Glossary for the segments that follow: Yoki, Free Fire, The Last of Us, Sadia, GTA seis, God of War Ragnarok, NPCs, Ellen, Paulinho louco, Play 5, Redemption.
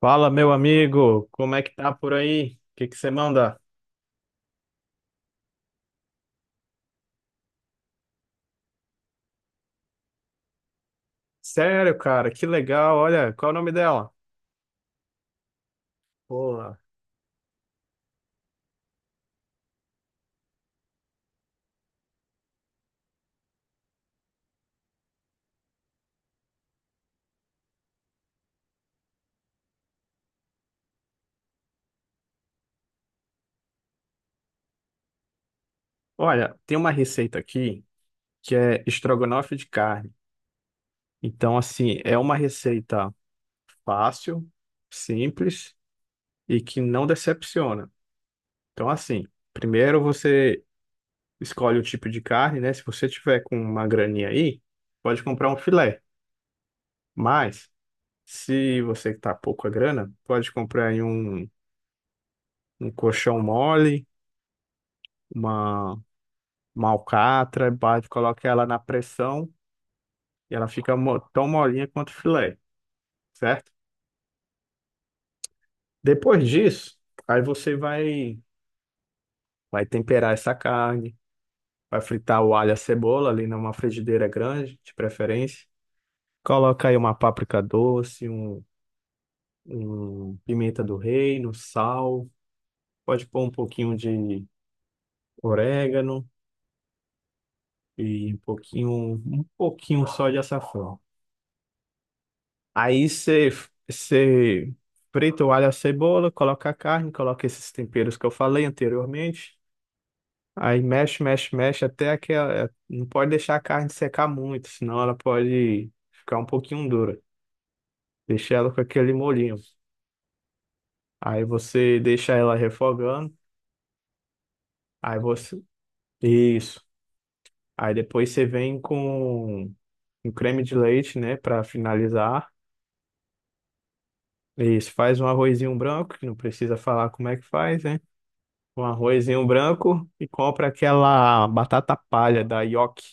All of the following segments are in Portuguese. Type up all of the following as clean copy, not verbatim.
Fala, meu amigo, como é que tá por aí? O que que você manda? Sério, cara, que legal. Olha, qual é o nome dela? Boa. Olha, tem uma receita aqui que é estrogonofe de carne. Então, assim, é uma receita fácil, simples e que não decepciona. Então, assim, primeiro você escolhe o tipo de carne, né? Se você tiver com uma graninha aí, pode comprar um filé. Mas, se você tá pouco a grana, pode comprar aí um colchão mole, uma, uma alcatra, bate, coloca ela na pressão e ela fica tão molinha quanto filé, certo? Depois disso, aí você vai, vai temperar essa carne, vai fritar o alho e a cebola ali numa frigideira grande, de preferência. Coloca aí uma páprica doce, um pimenta do reino, sal, pode pôr um pouquinho de orégano e um pouquinho só de açafrão. Aí você frita o alho e a cebola, coloca a carne, coloca esses temperos que eu falei anteriormente. Aí mexe, mexe, mexe não pode deixar a carne secar muito, senão ela pode ficar um pouquinho dura. Deixa ela com aquele molhinho. Aí você deixa ela refogando. Aí você isso. Aí depois você vem com um creme de leite, né, para finalizar. Isso, faz um arrozinho branco, que não precisa falar como é que faz, né? Com arrozinho branco e compra aquela batata palha da Yoki.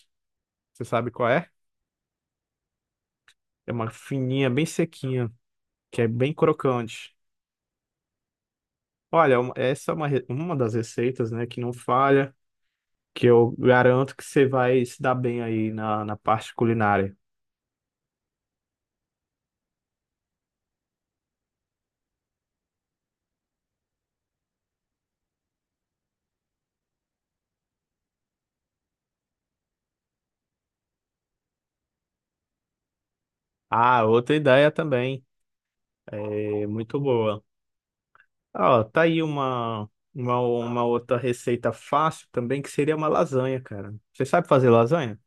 Você sabe qual é? É uma fininha, bem sequinha, que é bem crocante. Olha, uma- essa é uma, re- uma das receitas, né, que não falha, que eu garanto que você vai se dar bem aí na parte culinária. Ah, outra ideia também, é muito boa. Ó, tá aí uma outra receita fácil também, que seria uma lasanha, cara. Você sabe fazer lasanha?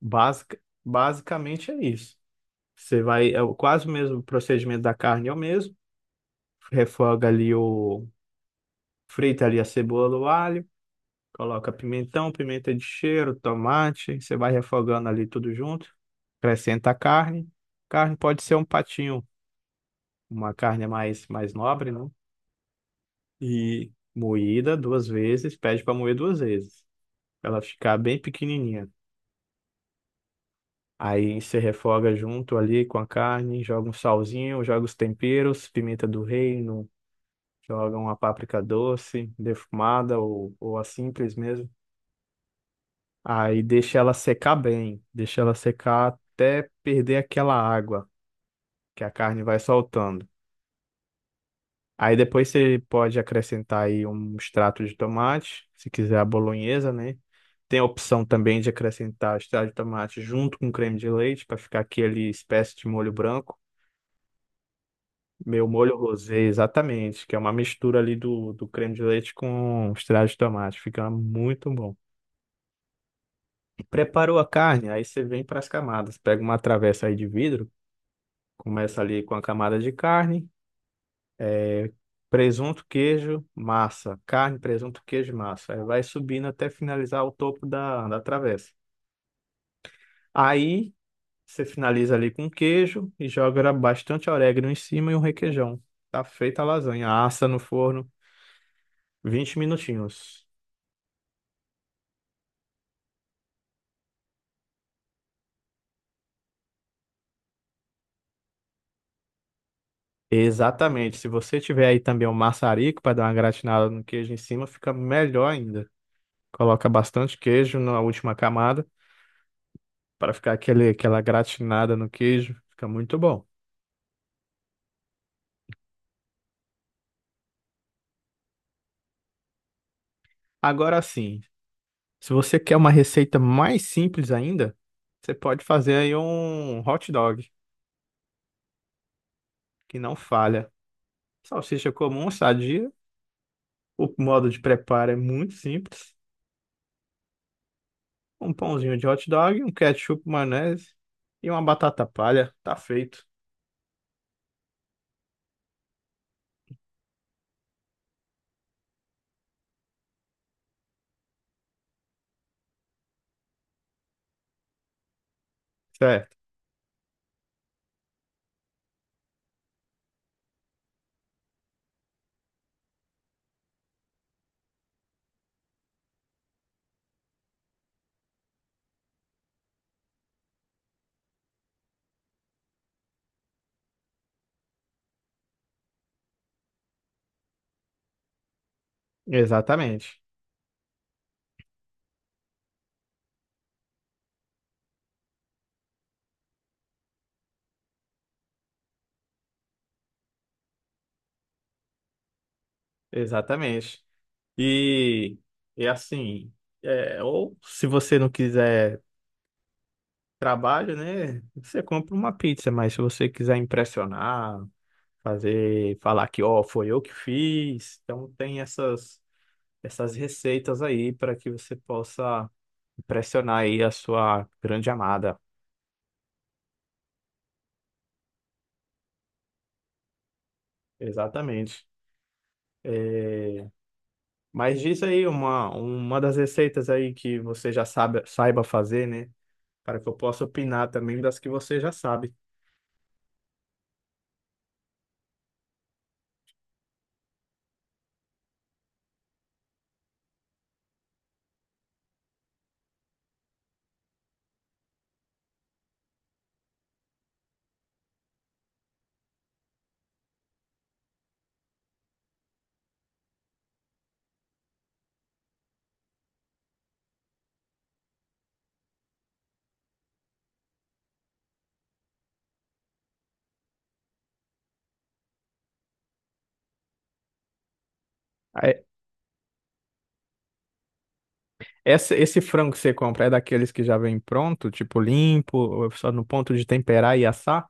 Basicamente é isso. Você vai, é o- quase o mesmo procedimento da carne, é o mesmo. Refoga ali o, frita ali a cebola, o alho, coloca pimentão, pimenta de cheiro, tomate. Você vai refogando ali tudo junto. Acrescenta a carne. Carne pode ser um patinho, uma carne mais nobre, né? E moída 2 vezes, pede para moer 2 vezes, pra ela ficar bem pequenininha. Aí você refoga junto ali com a carne, joga um salzinho, joga os temperos, pimenta do reino. Jogam a páprica doce, defumada ou a simples mesmo. Aí deixa ela secar bem, deixa ela secar até perder aquela água que a carne vai soltando. Aí depois você pode acrescentar aí um extrato de tomate, se quiser a bolonhesa, né? Tem a opção também de acrescentar extrato de tomate junto com creme de leite para ficar aquele espécie de molho branco. Meu molho rosé, exatamente, que é uma mistura ali do creme de leite com extrato de tomate. Fica muito bom. Preparou a carne, aí você vem para as camadas. Pega uma travessa aí de vidro, começa ali com a camada de carne, é, presunto, queijo, massa. Carne, presunto, queijo, e massa. Aí vai subindo até finalizar o topo da travessa. Aí você finaliza ali com queijo e joga bastante orégano em cima e um requeijão. Tá feita a lasanha. Assa no forno 20 minutinhos. Exatamente. Se você tiver aí também um maçarico para dar uma gratinada no queijo em cima, fica melhor ainda. Coloca bastante queijo na última camada para ficar aquela gratinada no queijo. Fica muito bom. Agora sim, se você quer uma receita mais simples ainda, você pode fazer aí um hot dog, que não falha. Salsicha comum, sadia. O modo de preparo é muito simples. Um pãozinho de hot dog, um ketchup, maionese e uma batata palha. Tá feito. Certo. Exatamente. Exatamente. E, e assim, ou se você não quiser trabalho, né? Você compra uma pizza, mas se você quiser impressionar, fazer, falar que, ó, foi eu que fiz, então tem essas receitas aí para que você possa impressionar aí a sua grande amada. Exatamente. É, mas diz aí uma das receitas aí que você saiba fazer, né? Para que eu possa opinar também das que você já sabe. Essa, esse frango que você compra é daqueles que já vem pronto, tipo limpo, só no ponto de temperar e assar?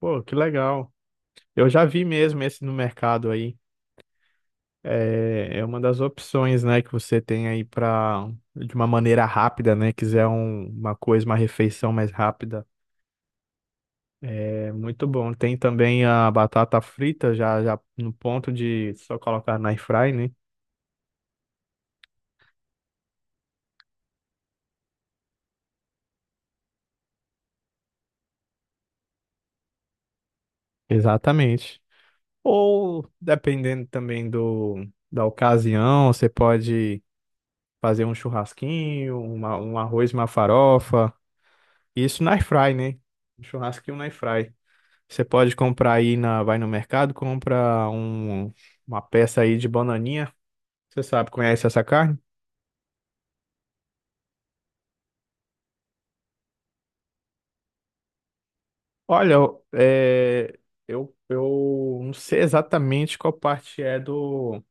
Pô, que legal. Eu já vi mesmo esse no mercado aí. É, é uma das opções, né, que você tem aí para de uma maneira rápida, né, quiser uma coisa, uma refeição mais rápida. É muito bom. Tem também a batata frita, já no ponto de só colocar na airfry, né? Exatamente. Ou, dependendo também da ocasião, você pode fazer um churrasquinho, um arroz, uma farofa. Isso na airfry, né? Um churrasquinho na airfry. Você pode comprar aí, vai no mercado, uma peça aí de bananinha. Você sabe, conhece essa carne? Olha, eu não sei exatamente qual parte é do,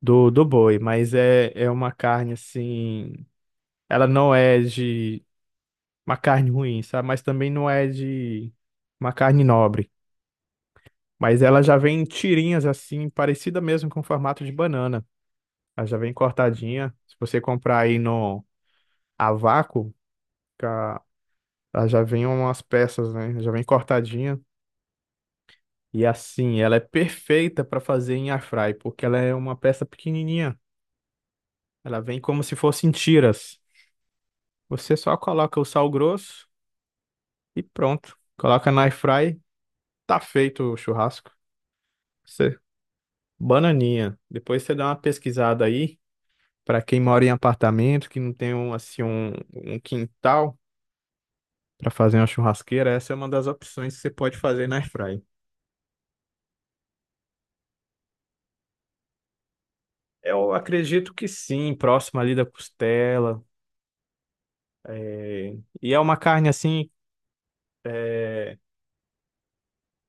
do, do boi, mas é uma carne assim. Ela não é de uma carne ruim, sabe? Mas também não é de uma carne nobre. Mas ela já vem em tirinhas assim, parecida mesmo com o formato de banana. Ela já vem cortadinha. Se você comprar aí no a vácuo, ca- ela já vem umas peças, né? Já vem cortadinha. E assim, ela é perfeita para fazer em airfry, porque ela é uma peça pequenininha. Ela vem como se fosse em tiras. Você só coloca o sal grosso e pronto. Coloca na airfry, tá feito o churrasco. Você, bananinha. Depois você dá uma pesquisada aí para quem mora em apartamento, que não tem um quintal para fazer uma churrasqueira, essa é uma das opções que você pode fazer na airfry. Eu acredito que sim, próximo ali da costela. É, e é uma carne assim. É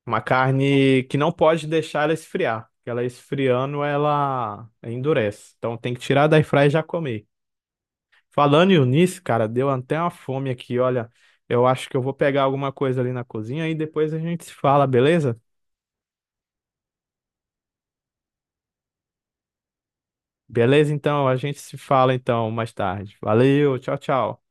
uma carne que não pode deixar ela esfriar, porque ela esfriando, ela endurece. Então tem que tirar da airfryer e já comer. Falando nisso, cara, deu até uma fome aqui. Olha, eu acho que eu vou pegar alguma coisa ali na cozinha e depois a gente se fala, beleza? Beleza, então, a gente se fala então mais tarde. Valeu, tchau, tchau.